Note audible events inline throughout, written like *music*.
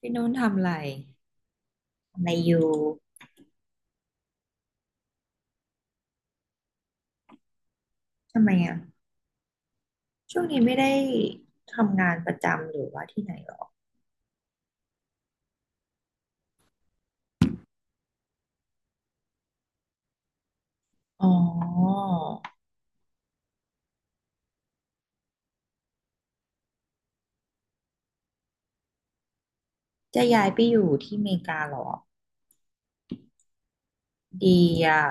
พี่นุ่นทำอะไรทำอะไรอยู่ทำไมอ่ะช่วงนี้ไม่ได้ทำงานประจำหรือว่าที่ไหนหรออ๋อจะย้ายไปอยู่ที่อเมริกาเหรอดีอ่ะ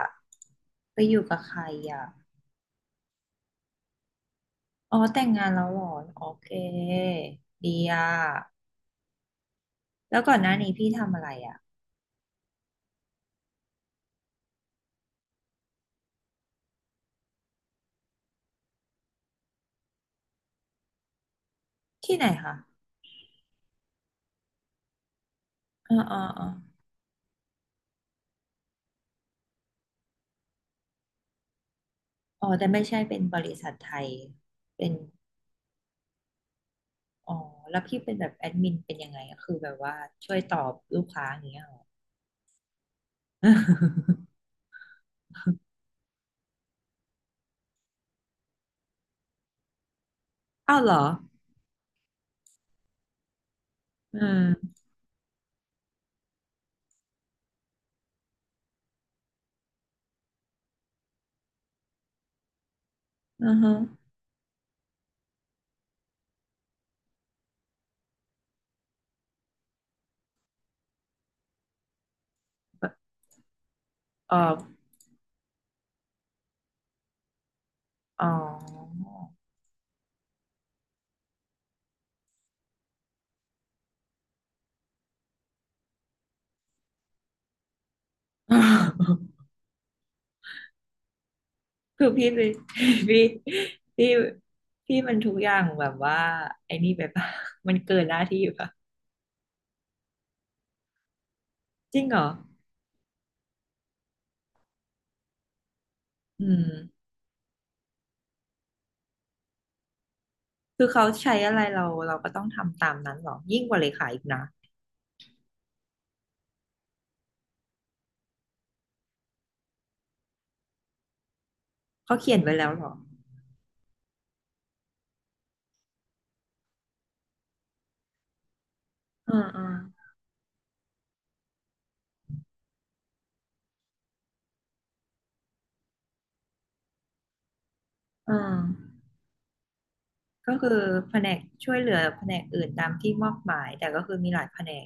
ไปอยู่กับใครอ่ะอ๋อแต่งงานแล้วเหรอโอเคดีอ่ะแล้วก่อนหน้านี้พี่ทำอะไรอ่ะที่ไหนคะอ๋ออ๋ออ๋อ อ๋อ แต่ไม่ใช่เป็นบริษัทไทยเป็นอ๋อแล้วพี่เป็นแบบแอดมินเป็นยังไงอะคือแบบว่าช่วยตอบลูกค้าอย่างเงี้ยเหรอ *laughs* อ้าวเหรออืมอือฮะเอออ๋อ *laughs* คือพี่ไปพี่พี่พี่มันทุกอย่างแบบว่าไอ้นี่ไปปะมันเกินหน้าที่ปะจริงเหรออืมคือเขาใช้อะไรเราก็ต้องทำตามนั้นเหรอ ยิ่งกว่าเลขาอีกนะเขาเขียนไว้แล้วเหรออืมอืมอืมก็คือแผนกช่วยเหลือแผนกอื่นตามที่มอบหมายแต่ก็คือมีหลายแผนก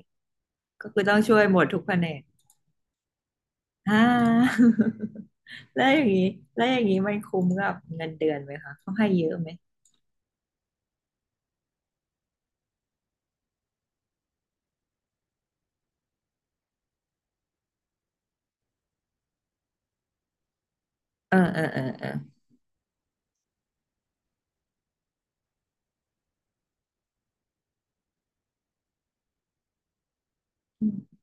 ก็คือต้องช่วยหมดทุกแผนก อ่า *laughs* แล้วอย่างนี้แล้วอย่างนี้มันคุ้มกับเงินเดือนไหมคะเขาให้เยอะไหมเออเออเออเอออืม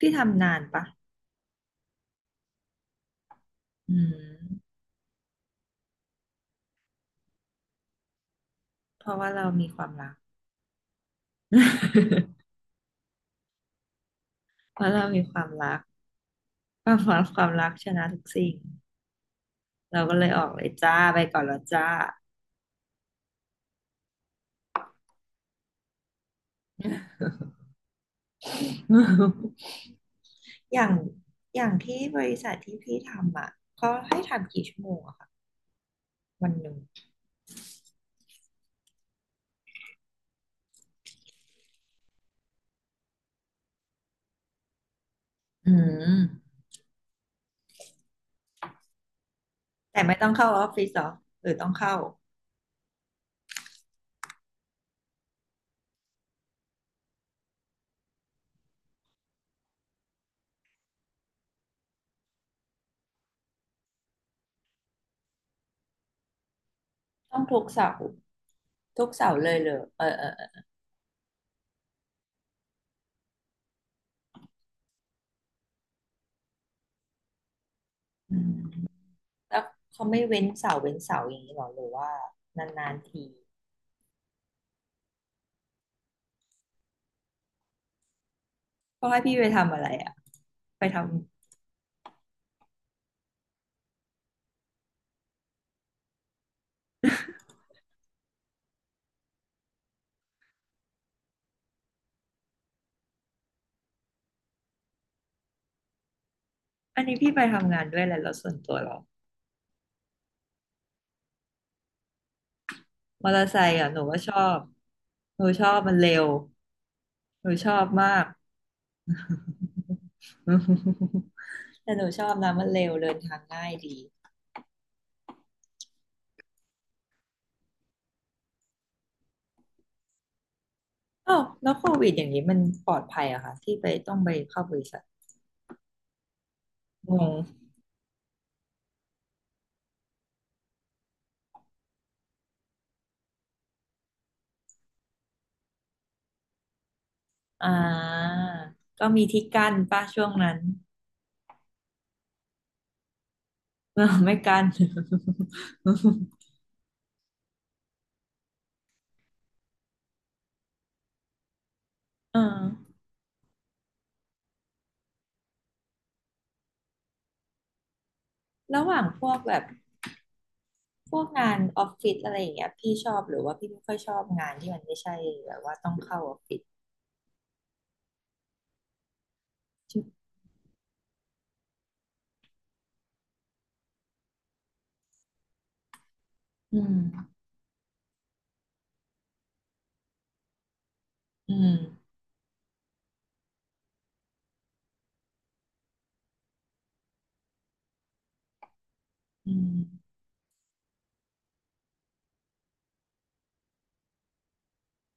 พี่ทำนานปะอืมเพราะว่าเรามีความรัก *laughs* เพราะเรามีความรักความรักความรักชนะทุกสิ่งเราก็เลยออกเลยจ้าไปก่อนแล้วจ้า *laughs* อย่างอย่างที่บริษัทที่พี่ทำอ่ะเขาให้ทำกี่ชั่วโมงอะคะวันหนึ่งอืมแต่ไม่ต้องเข้าออฟฟิศเหรอหรือต้องเข้าต้องทุกเสาร์ ทุกเสาร์เลยเหรอเออเออเอออืมแล้วเขาไม่เว้นเสาร์เว้นเสาร์อย่างนี้หรอหรือว่านานๆทีเขาให้พี่ไปทำอะไรอ่ะไปทำอันนี้พี่ไปทำงานด้วยอะไรแล้วส่วนตัวเหรอมอเตอร์ไซค์อ่ะหนูก็ชอบหนูชอบมันเร็วหนูชอบมาก *laughs* แต่หนูชอบนะมันเร็วเดินทางง่ายดีอ้าวแล้วโควิดอย่างนี้มันปลอดภัยเหรอะคะที่ไปต้องไปเข้าบริษัทงงอ่าก็มีที่กั้นป่ะช่วงนั้น *laughs* เออไม่กัน *laughs* เออระหว่างพวกแบบพวกงานออฟฟิศอะไรอย่างเงี้ยพี่ชอบหรือว่าพี่ไม่ค่อยชอบงานที่มันไม่ใช่แบบว่าต้องเข้าออฟฟิศอืมอืมอืม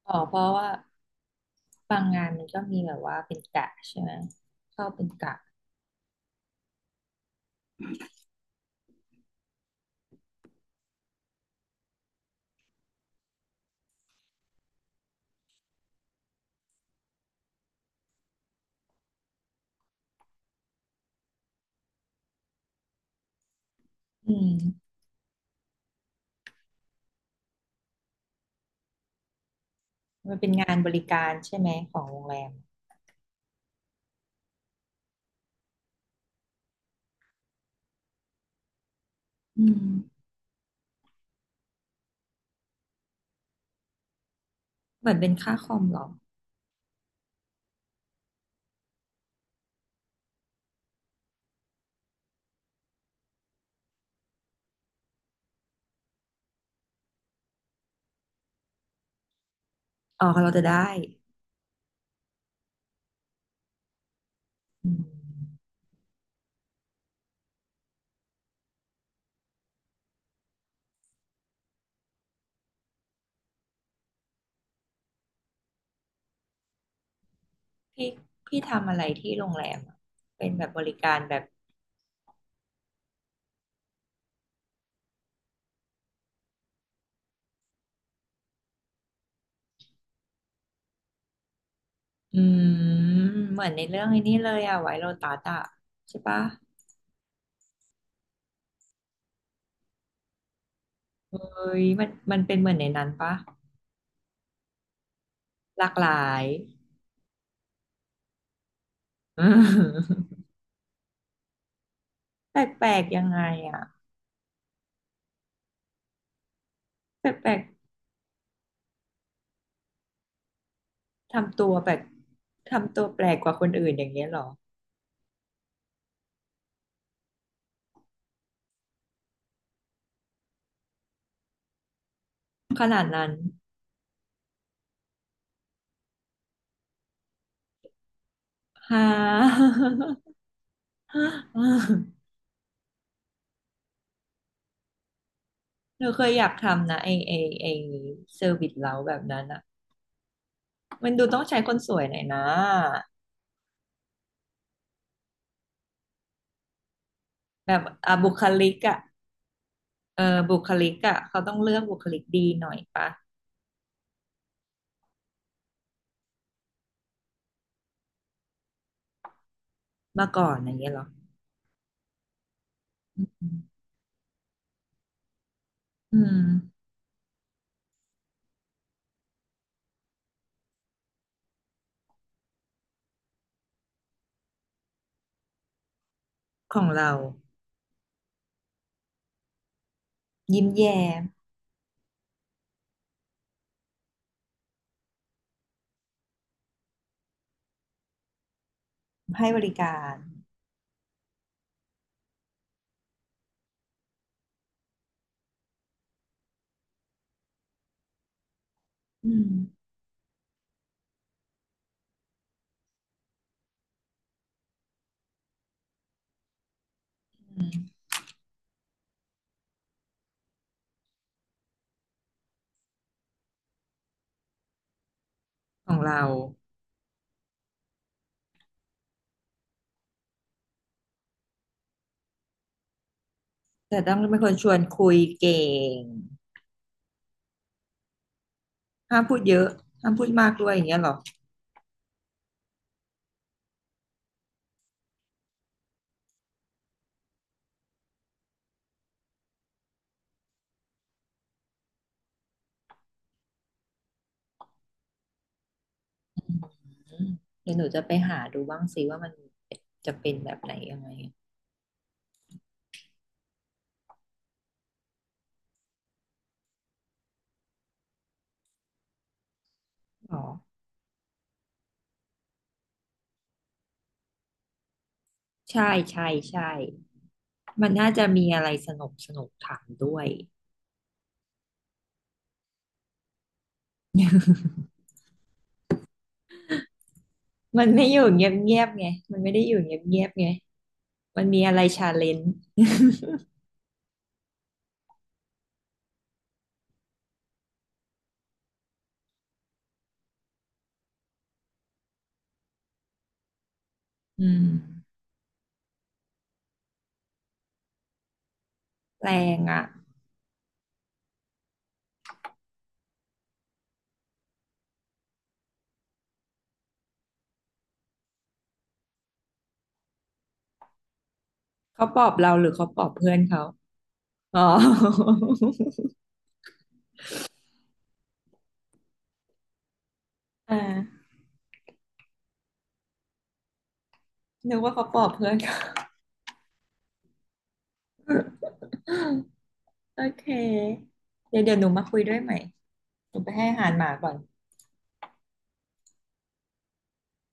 อ๋อเพราะว่าบางงานมันก็มีแบบว่าเป็นกะใช่ไหมเข้าเป็นกะอืมมันเป็นงานบริการใช่ไหมของโรงแรมอืมเหมือนเป็นค่าคอมเหรออ๋อเราจะได้อืมพี่พี่ทำอะไรที่โรงแรมอะเป็นแบบบริการแบบ อืมเหมือนในเรื่องไอ้นี่เลยอะไวโรตัสอะใช่ปะเฮ้ยมันมันเป็นเหมือนในนั้นปะหลากหลาย *laughs* อืมแปลกๆยังไงอะแปลกๆทำตัวแปลกทำตัวแปลกกว่าคนอื่นอย่างเงี้ยเหรอขนาดนั้นฮาเรา *laughs* เคยอยากทำนะไอเซอร์วิสเราแบบนั้นอะมันดูต้องใช้คนสวยหน่อยนะแบบอ่ะบุคลิกอะเออบุคลิกอ่ะเขาต้องเลือกบุคลิกดีหน่อยปะ มาก่อนอย่างเงี้ยเหรออืมของเรายิ้มแย้มให้บริการอืมอืมของเราแต่ต้องเป็นคนชวนคุยเก่งห้ามพูดเยอะห้ามพูดมากด้วยอย่างเงี้ยเหรออืมเดี๋ยวหนูจะไปหาดูบ้างสิว่ามันจะเป็นแบบไหนยังไงอ๋อใช่ใช่ใช่มันน่าจะมีอะไรสนุกสนุกถามด้วย *laughs* มันไม่อยู่เงียบเงียบไงมันไม่ได้อยู่เงียบเงียบไงมันมีอะไรชาเลนจ์อืม แรงอ่ะเขาปลอบเราหรือเขาปลอบเพื่อนเขาอ๋อ *laughs* อ่านึกว่าเขาปลอบเพื่อนเขา *laughs* โอเคเดี๋ยวหนูมาคุยด้วยใหม่หนูไปให้อาหารหมาก่อน